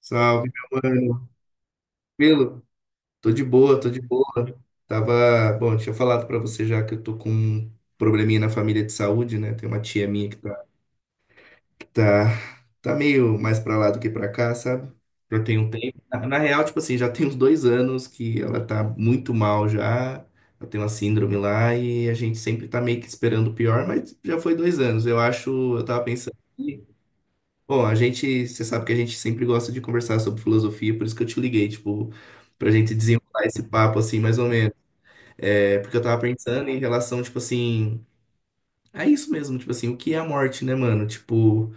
Salve, meu mano. Tranquilo? Tô de boa, tô de boa. Tava, bom, tinha falado pra você já que eu tô com um probleminha na família de saúde, né? Tem uma tia minha que tá, tá meio mais pra lá do que pra cá, sabe? Já tem um tempo. Na real, tipo assim, já tem uns 2 anos que ela tá muito mal já. Ela tem uma síndrome lá e a gente sempre tá meio que esperando o pior, mas já foi 2 anos. Eu acho, eu tava pensando. Bom, a gente, você sabe que a gente sempre gosta de conversar sobre filosofia, por isso que eu te liguei, tipo, pra gente desenrolar esse papo, assim, mais ou menos. É, porque eu tava pensando em relação, tipo assim, é isso mesmo, tipo assim, o que é a morte, né, mano? Tipo,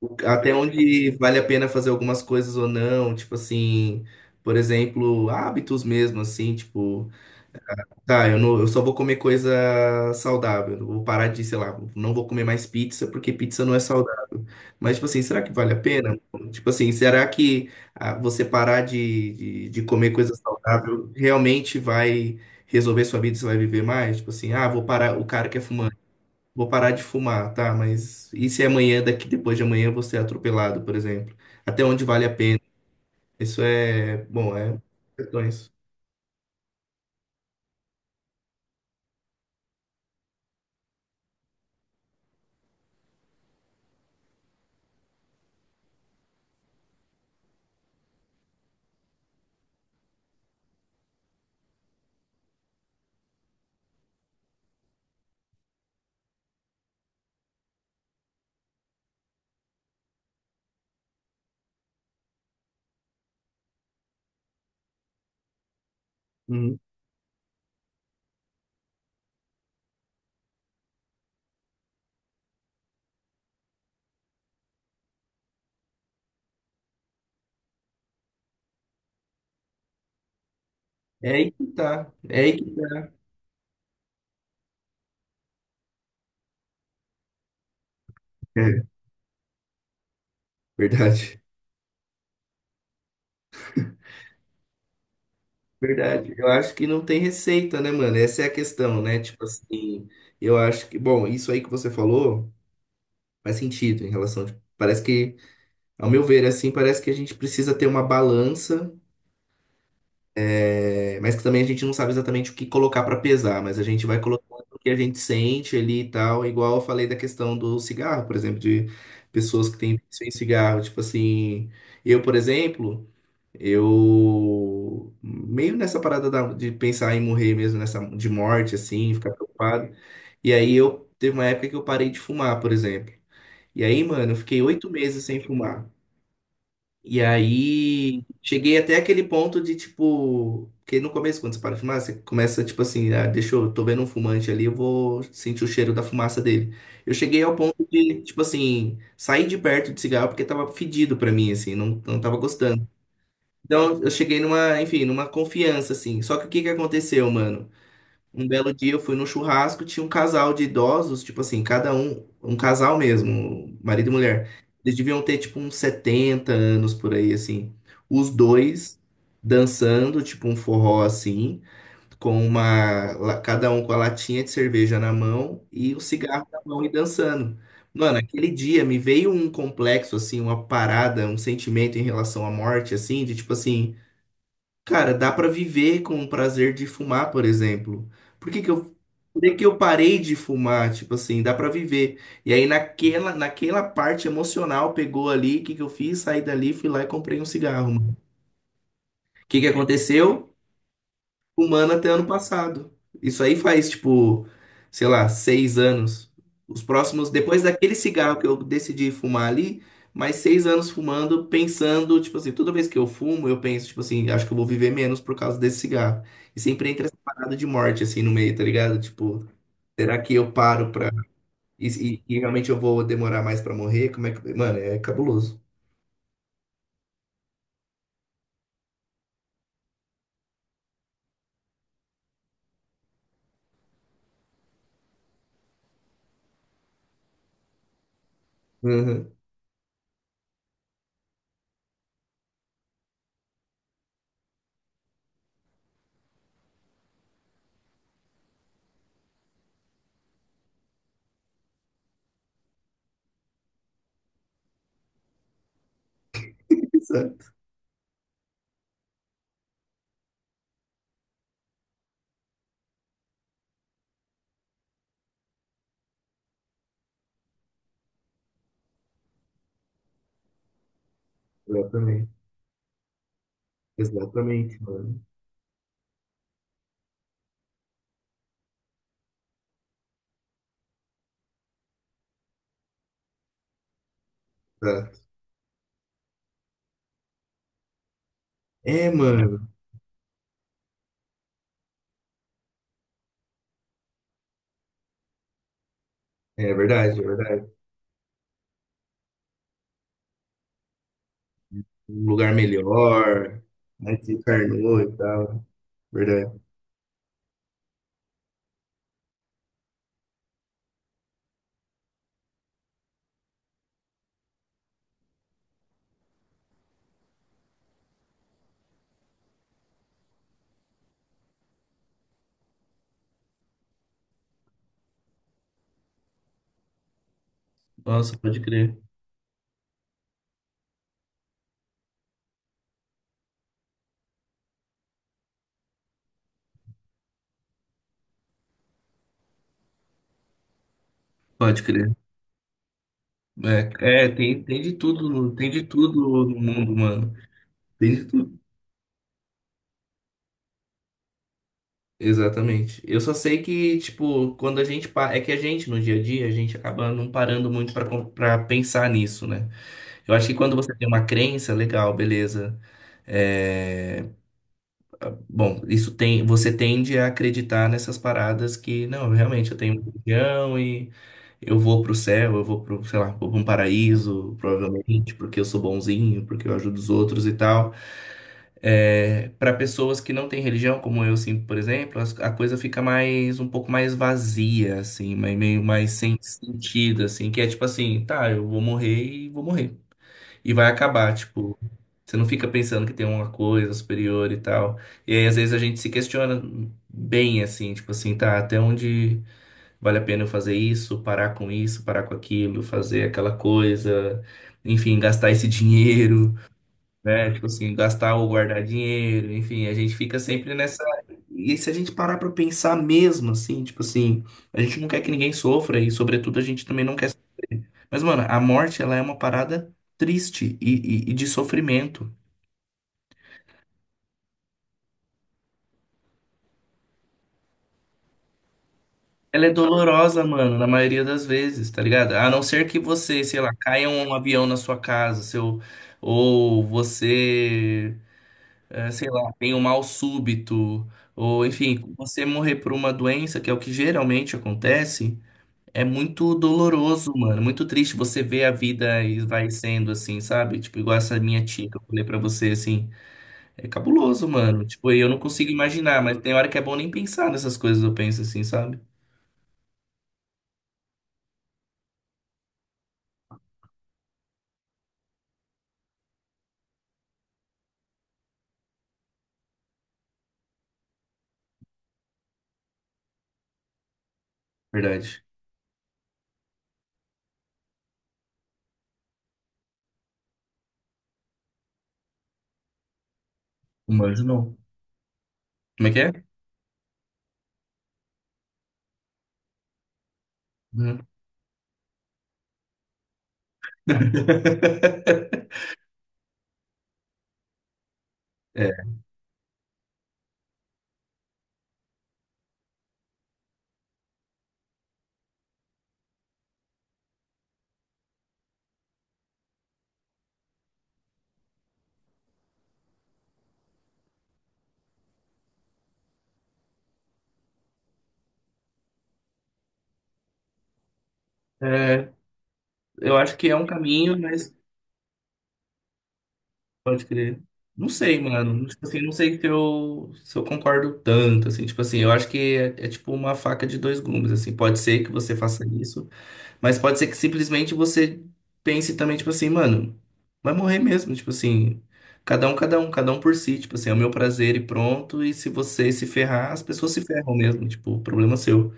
até onde vale a pena fazer algumas coisas ou não, tipo assim, por exemplo, hábitos mesmo, assim, tipo. Tá, eu, não, eu só vou comer coisa saudável. Eu vou parar de, sei lá, não vou comer mais pizza, porque pizza não é saudável. Mas, tipo assim, será que vale a pena? Tipo assim, será que ah, você parar de, de comer coisa saudável realmente vai resolver sua vida? Você vai viver mais? Tipo assim, ah, vou parar, o cara que é fumante, vou parar de fumar, tá? Mas e se amanhã, daqui depois de amanhã, você é atropelado, por exemplo? Até onde vale a pena? Isso é, bom, é questões. Uhum. É aí que tá. É aí que tá. Verdade, verdade. Eu acho que não tem receita, né, mano? Essa é a questão, né? Tipo assim, eu acho que, bom, isso aí que você falou faz sentido em relação de, parece que, ao meu ver, assim, parece que a gente precisa ter uma balança, é, mas que também a gente não sabe exatamente o que colocar pra pesar, mas a gente vai colocando o que a gente sente ali e tal, igual eu falei da questão do cigarro, por exemplo, de pessoas que têm vício em cigarro, tipo assim, eu, por exemplo, eu meio nessa parada de pensar em morrer mesmo, nessa de morte, assim, ficar preocupado. E aí eu teve uma época que eu parei de fumar, por exemplo. E aí, mano, eu fiquei 8 meses sem fumar. E aí cheguei até aquele ponto de tipo, que no começo, quando você para de fumar, você começa, tipo assim, ah, deixa eu, tô vendo um fumante ali, eu vou sentir o cheiro da fumaça dele. Eu cheguei ao ponto de, tipo assim, sair de perto de cigarro porque tava fedido pra mim, assim, não, não tava gostando. Então eu cheguei numa, enfim, numa confiança, assim. Só que o que que aconteceu, mano? Um belo dia eu fui num churrasco, tinha um casal de idosos, tipo assim, cada um, um casal mesmo, marido e mulher. Eles deviam ter, tipo, uns 70 anos por aí, assim. Os dois dançando, tipo, um forró assim, com uma, cada um com a latinha de cerveja na mão e o cigarro na mão e dançando. Mano, aquele dia me veio um complexo, assim, uma parada, um sentimento em relação à morte, assim, de tipo assim. Cara, dá pra viver com o prazer de fumar, por exemplo. Por que que eu, por que que eu parei de fumar? Tipo assim, dá pra viver. E aí naquela, naquela parte emocional pegou ali, o que que eu fiz? Saí dali, fui lá e comprei um cigarro, mano. O que que aconteceu? Humana até ano passado. Isso aí faz, tipo, sei lá, 6 anos. Os próximos, depois daquele cigarro que eu decidi fumar ali, mais 6 anos fumando, pensando, tipo assim, toda vez que eu fumo, eu penso, tipo assim, acho que eu vou viver menos por causa desse cigarro. E sempre entra essa parada de morte, assim, no meio, tá ligado? Tipo, será que eu paro pra. E realmente eu vou demorar mais pra morrer? Como é que. Mano, é cabuloso. Uhum. Exato. Exatamente. Exatamente, mano. Exato. É, mano. É verdade, é verdade. Um lugar melhor, aí se encarnou e tal. Verdade. Nossa, pode crer. Pode crer. É, é, tem, tem de tudo, tem de tudo no mundo, mano. Tem de tudo. Exatamente. Eu só sei que, tipo, quando a gente. É que a gente, no dia a dia, a gente acaba não parando muito pra pra pensar nisso, né? Eu acho que quando você tem uma crença, legal, beleza. É, bom, isso tem, você tende a acreditar nessas paradas que, não, realmente eu tenho um religião e eu vou pro céu, eu vou pro, sei lá, vou pra um paraíso, provavelmente, porque eu sou bonzinho, porque eu ajudo os outros e tal. É, para pessoas que não têm religião, como eu, assim, por exemplo, a coisa fica mais, um pouco mais vazia, assim, mas meio mais sem sentido, assim, que é tipo assim, tá, eu vou morrer. E vai acabar, tipo. Você não fica pensando que tem uma coisa superior e tal. E aí, às vezes, a gente se questiona bem, assim, tipo assim, tá, até onde vale a pena eu fazer isso, parar com aquilo, fazer aquela coisa, enfim, gastar esse dinheiro, né? Tipo assim, gastar ou guardar dinheiro, enfim, a gente fica sempre nessa. E se a gente parar pra pensar mesmo, assim, tipo assim, a gente não quer que ninguém sofra e, sobretudo, a gente também não quer. Mas, mano, a morte, ela é uma parada triste e de sofrimento. Ela é dolorosa, mano, na maioria das vezes, tá ligado? A não ser que você, sei lá, caia um avião na sua casa, seu, ou você, sei lá, tem um mal súbito, ou enfim, você morrer por uma doença, que é o que geralmente acontece, é muito doloroso, mano, muito triste você ver a vida e vai sendo assim, sabe? Tipo, igual essa minha tia que eu falei pra você, assim, é cabuloso, mano. Tipo, eu não consigo imaginar, mas tem hora que é bom nem pensar nessas coisas, eu penso assim, sabe? Verdade. Humanos não. Como é que é? Hum. É. É, eu acho que é um caminho, mas pode crer. Não sei, mano. Tipo assim, não sei que eu, se eu concordo tanto, assim. Tipo assim, eu acho que é, é tipo uma faca de dois gumes, assim. Pode ser que você faça isso, mas pode ser que simplesmente você pense também, tipo assim, mano, vai morrer mesmo. Tipo assim, cada um, cada um, cada um por si. Tipo assim, é o meu prazer e pronto. E se você se ferrar, as pessoas se ferram mesmo. Tipo, problema é seu.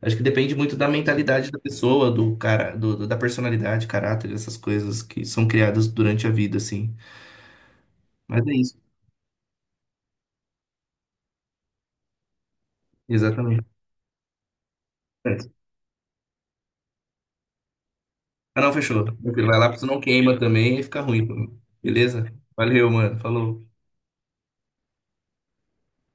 Acho que depende muito da mentalidade da pessoa, do cara, do da personalidade, caráter, essas coisas que são criadas durante a vida, assim. Mas é isso, exatamente. Certo. Ah, não, fechou. Tranquilo, vai lá, porque senão queima também e fica ruim. Beleza? Valeu, mano. Falou.